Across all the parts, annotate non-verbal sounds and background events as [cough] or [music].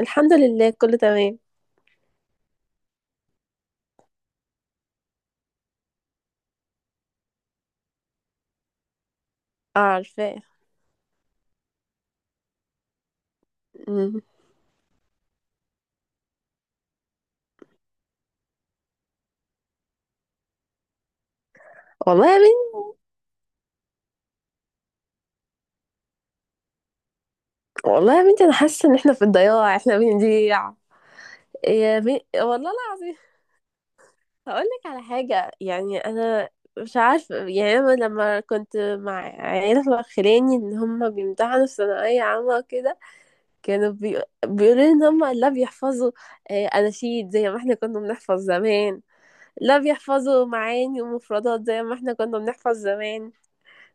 الحمد لله كله تمام. اه، عارفاه. مم. والله يا بنتي والله يا بنتي انا حاسه ان احنا في الضياع، احنا بنضيع. يا بنتي والله العظيم. هقول لك على حاجه. يعني انا مش عارفه، يعني انا لما كنت مع عيله خلاني ان هم بيمتحنوا في ثانويه عامه كده. كانوا بيقولوا لي ان هم لا بيحفظوا اناشيد زي ما احنا كنا بنحفظ زمان. لا بيحفظوا معاني ومفردات زي ما احنا كنا بنحفظ زمان.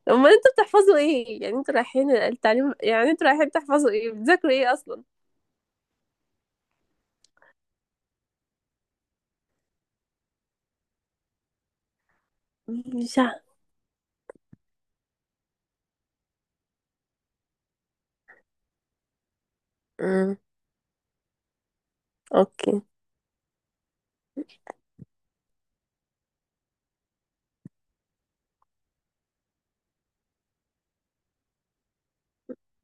امال انتوا بتحفظوا ايه؟ يعني انتوا رايحين التعليم، يعني انتوا رايحين تحفظوا ايه؟ بتذاكروا ايه اصلا؟ مش ع... امم. اوكي.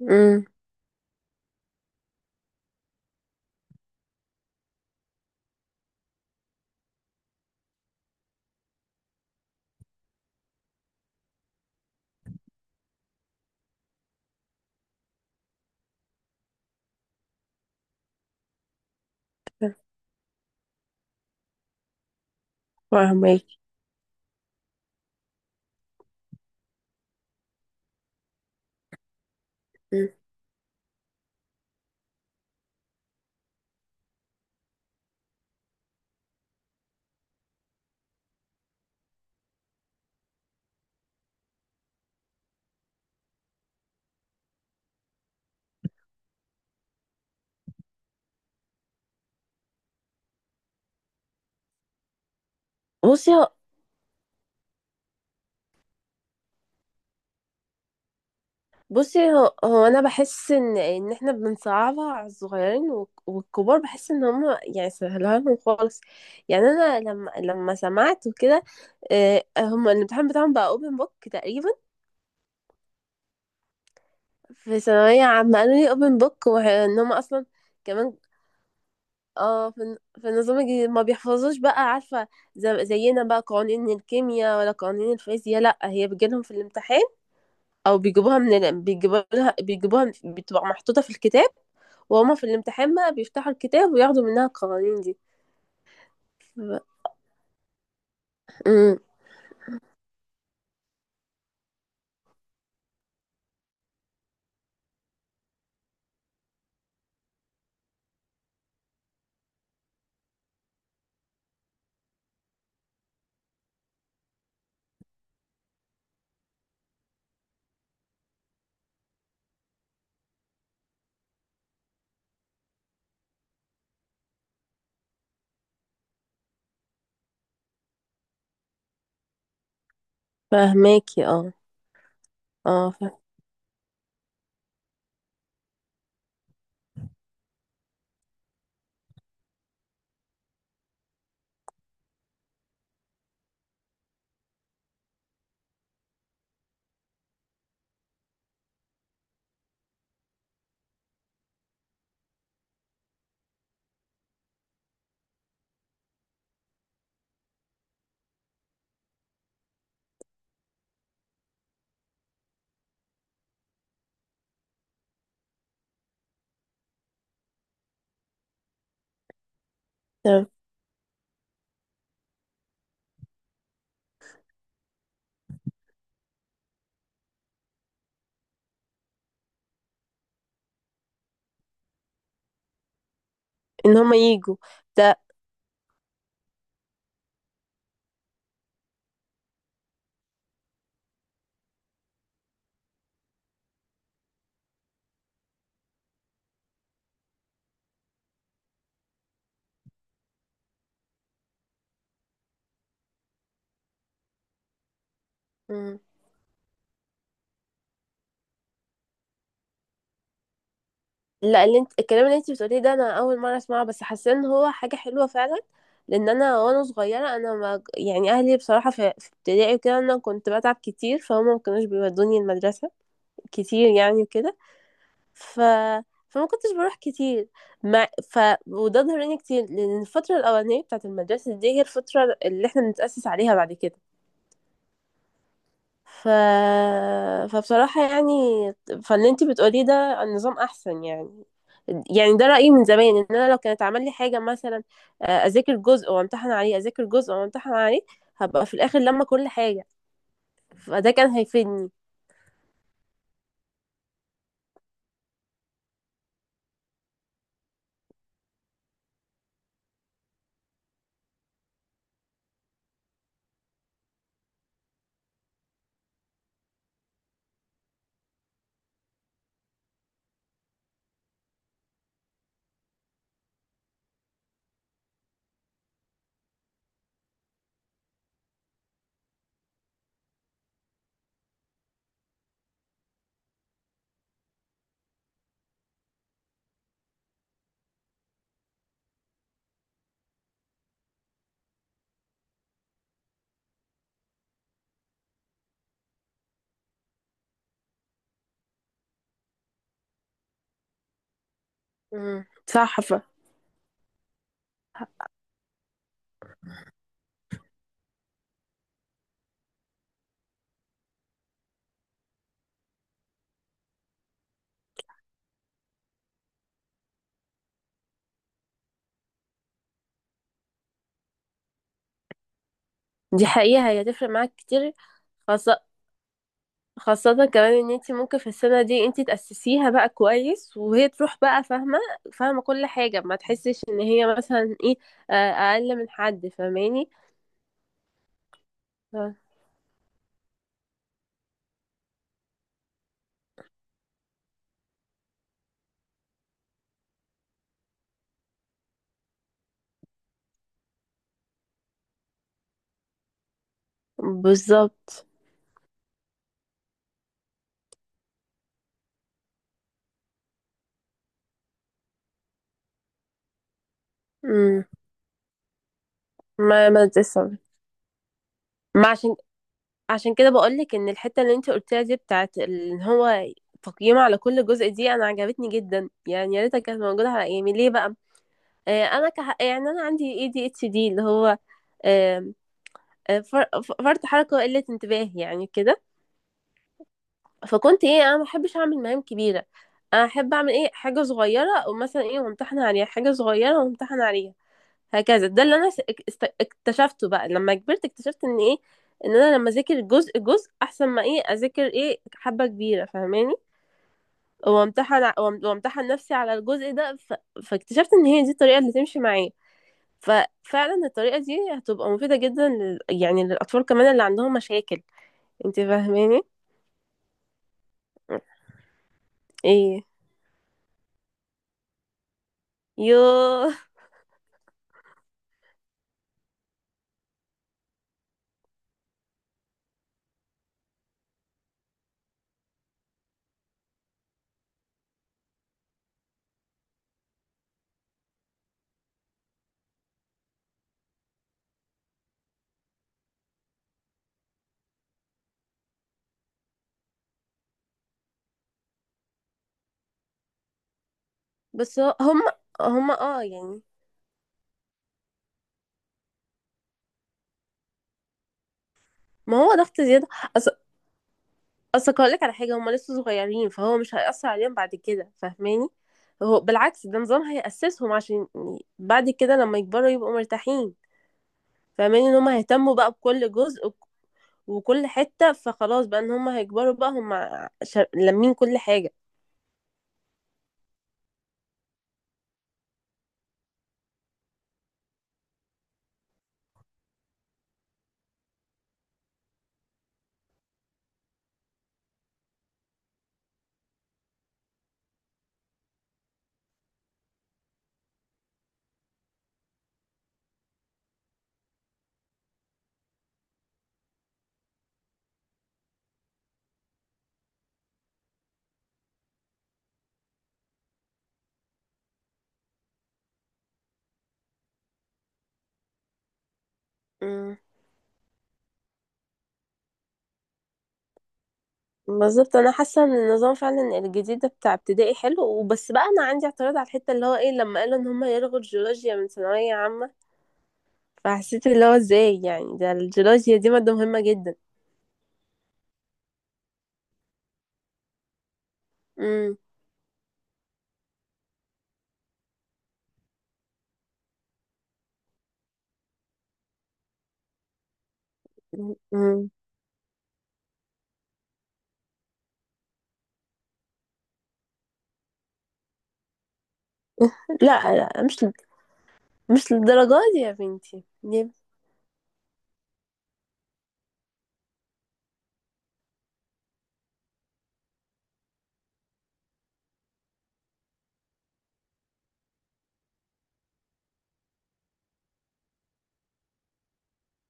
امم. فاهمك. أمم. بصي هو بصي هو، هو انا بحس ان احنا بنصعبها على الصغيرين والكبار، بحس ان هم يعني سهلوها لهم خالص. يعني انا لما سمعت وكده، هم الامتحان بتاعهم بقى اوبن بوك تقريبا. في ثانوية عامة قالوا لي اوبن بوك، وان هم اصلا كمان. اه، في النظام الجديد ما بيحفظوش بقى، عارفة. زينا بقى قوانين الكيمياء ولا قوانين الفيزياء، لا هي بتجيلهم في الامتحان. او بيجيبوها بيجيبوها بتبقى محطوطة في الكتاب، وهما في الامتحان بقى بيفتحوا الكتاب وياخدوا منها القوانين دي. ف... امم. فاهماكي، اه. اه، فاهم. ان هما يجوا ده. امم. لا، اللي انت الكلام اللي انت بتقوليه ده انا اول مره اسمعه، بس حاسه ان هو حاجه حلوه فعلا. لان انا وانا صغيره، انا ما يعني اهلي بصراحه في ابتدائي وكده انا كنت بتعب كتير، فهم ما كانوش بيودوني المدرسه كتير يعني وكده. ف فما كنتش بروح كتير. مع ف وده ضرني كتير، لان الفتره الاولانيه بتاعه المدرسه دي هي الفتره اللي احنا بنتاسس عليها بعد كده. ف... فبصراحة يعني، فاللي انتي بتقوليه ده النظام احسن. يعني يعني ده رأيي من زمان، ان انا لو كانت عمل لي حاجة مثلا، اذاكر جزء وامتحن عليه، اذاكر جزء وامتحن عليه، هبقى في الاخر لما كل حاجة، فده كان هيفيدني. مم. صح. دي حقيقة، هي هتفرق معاك كتير. خاصة خاصة كمان ان انتي ممكن في السنة دي انتي تأسسيها بقى كويس، وهي تروح بقى فاهمة فاهمة كل حاجة، ما تحسش ان هي مثلا ايه، اقل من حد، فاهماني. آه. بالظبط. امم. ما تسمع. ما عشان كده بقولك ان الحته اللي انت قلتيها دي بتاعت ان هو تقييم على كل جزء دي، انا عجبتني جدا. يعني يا ريتها كانت موجوده على ايامي، ليه بقى؟ آه، انا يعني انا عندي ADHD اللي هو، آم، فرط حركه وقله انتباه يعني كده. فكنت ايه، انا ما بحبش اعمل مهام كبيره. انا احب اعمل ايه حاجه صغيره، ومثلا ايه، وامتحن عليها حاجه صغيره وامتحن عليها. هكذا ده اللي انا اكتشفته بقى لما كبرت. اكتشفت ان ايه، ان انا لما اذاكر جزء جزء احسن ما ايه اذاكر ايه حبة كبيرة، فاهماني، وامتحن نفسي على الجزء ده. فاكتشفت ان هي دي الطريقة اللي تمشي معايا. ففعلا الطريقة دي هتبقى مفيدة جدا يعني للاطفال كمان اللي عندهم مشاكل. انت فاهماني؟ ايه. يوه [laughs] بس هم اه يعني. ما هو ضغط زيادة. اصل هقولك على حاجه، هما لسه صغيرين، فهو مش هيأثر عليهم بعد كده، فاهماني. هو بالعكس، ده نظام هيأسسهم، عشان بعد كده لما يكبروا يبقوا مرتاحين. فاهماني ان هما هيهتموا بقى بكل جزء وكل حته، فخلاص بقى ان هما هيكبروا بقى هما لامين كل حاجه. امم. بالظبط. انا حاسه ان النظام فعلا الجديد ده بتاع ابتدائي حلو. وبس بقى انا عندي اعتراض على الحته اللي هو ايه، لما قالوا ان هما يلغوا الجيولوجيا من ثانويه عامه، فحسيت اللي هو ازاي؟ يعني ده الجيولوجيا دي ماده مهمه جدا. امم. مم. لا، لا، مش للدرجة دي يا بنتي، ليه؟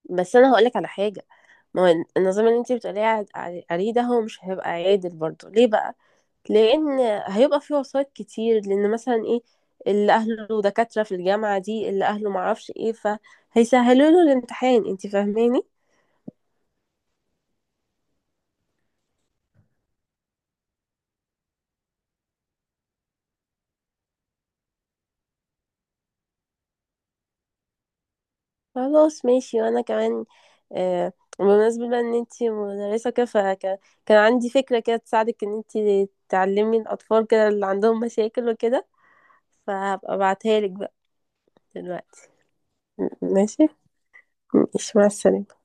بس انا هقولك على حاجة، ما هو النظام اللي انت بتقولي عليه ده هو مش هيبقى عادل برضه، ليه بقى؟ لان هيبقى فيه وسايط كتير، لان مثلا ايه، اللي اهله دكاترة في الجامعة دي، اللي اهله معرفش ايه فهيسهلوا له الامتحان، انت فاهماني. خلاص ماشي. وانا كمان آه بمناسبة بقى ان انت مدرسة كده، فكان عندي فكرة كده تساعدك ان انت تعلمي الاطفال كده اللي عندهم مشاكل وكده، فهبقى ابعتها لك بقى دلوقتي. ماشي. ماشي، مع السلامة.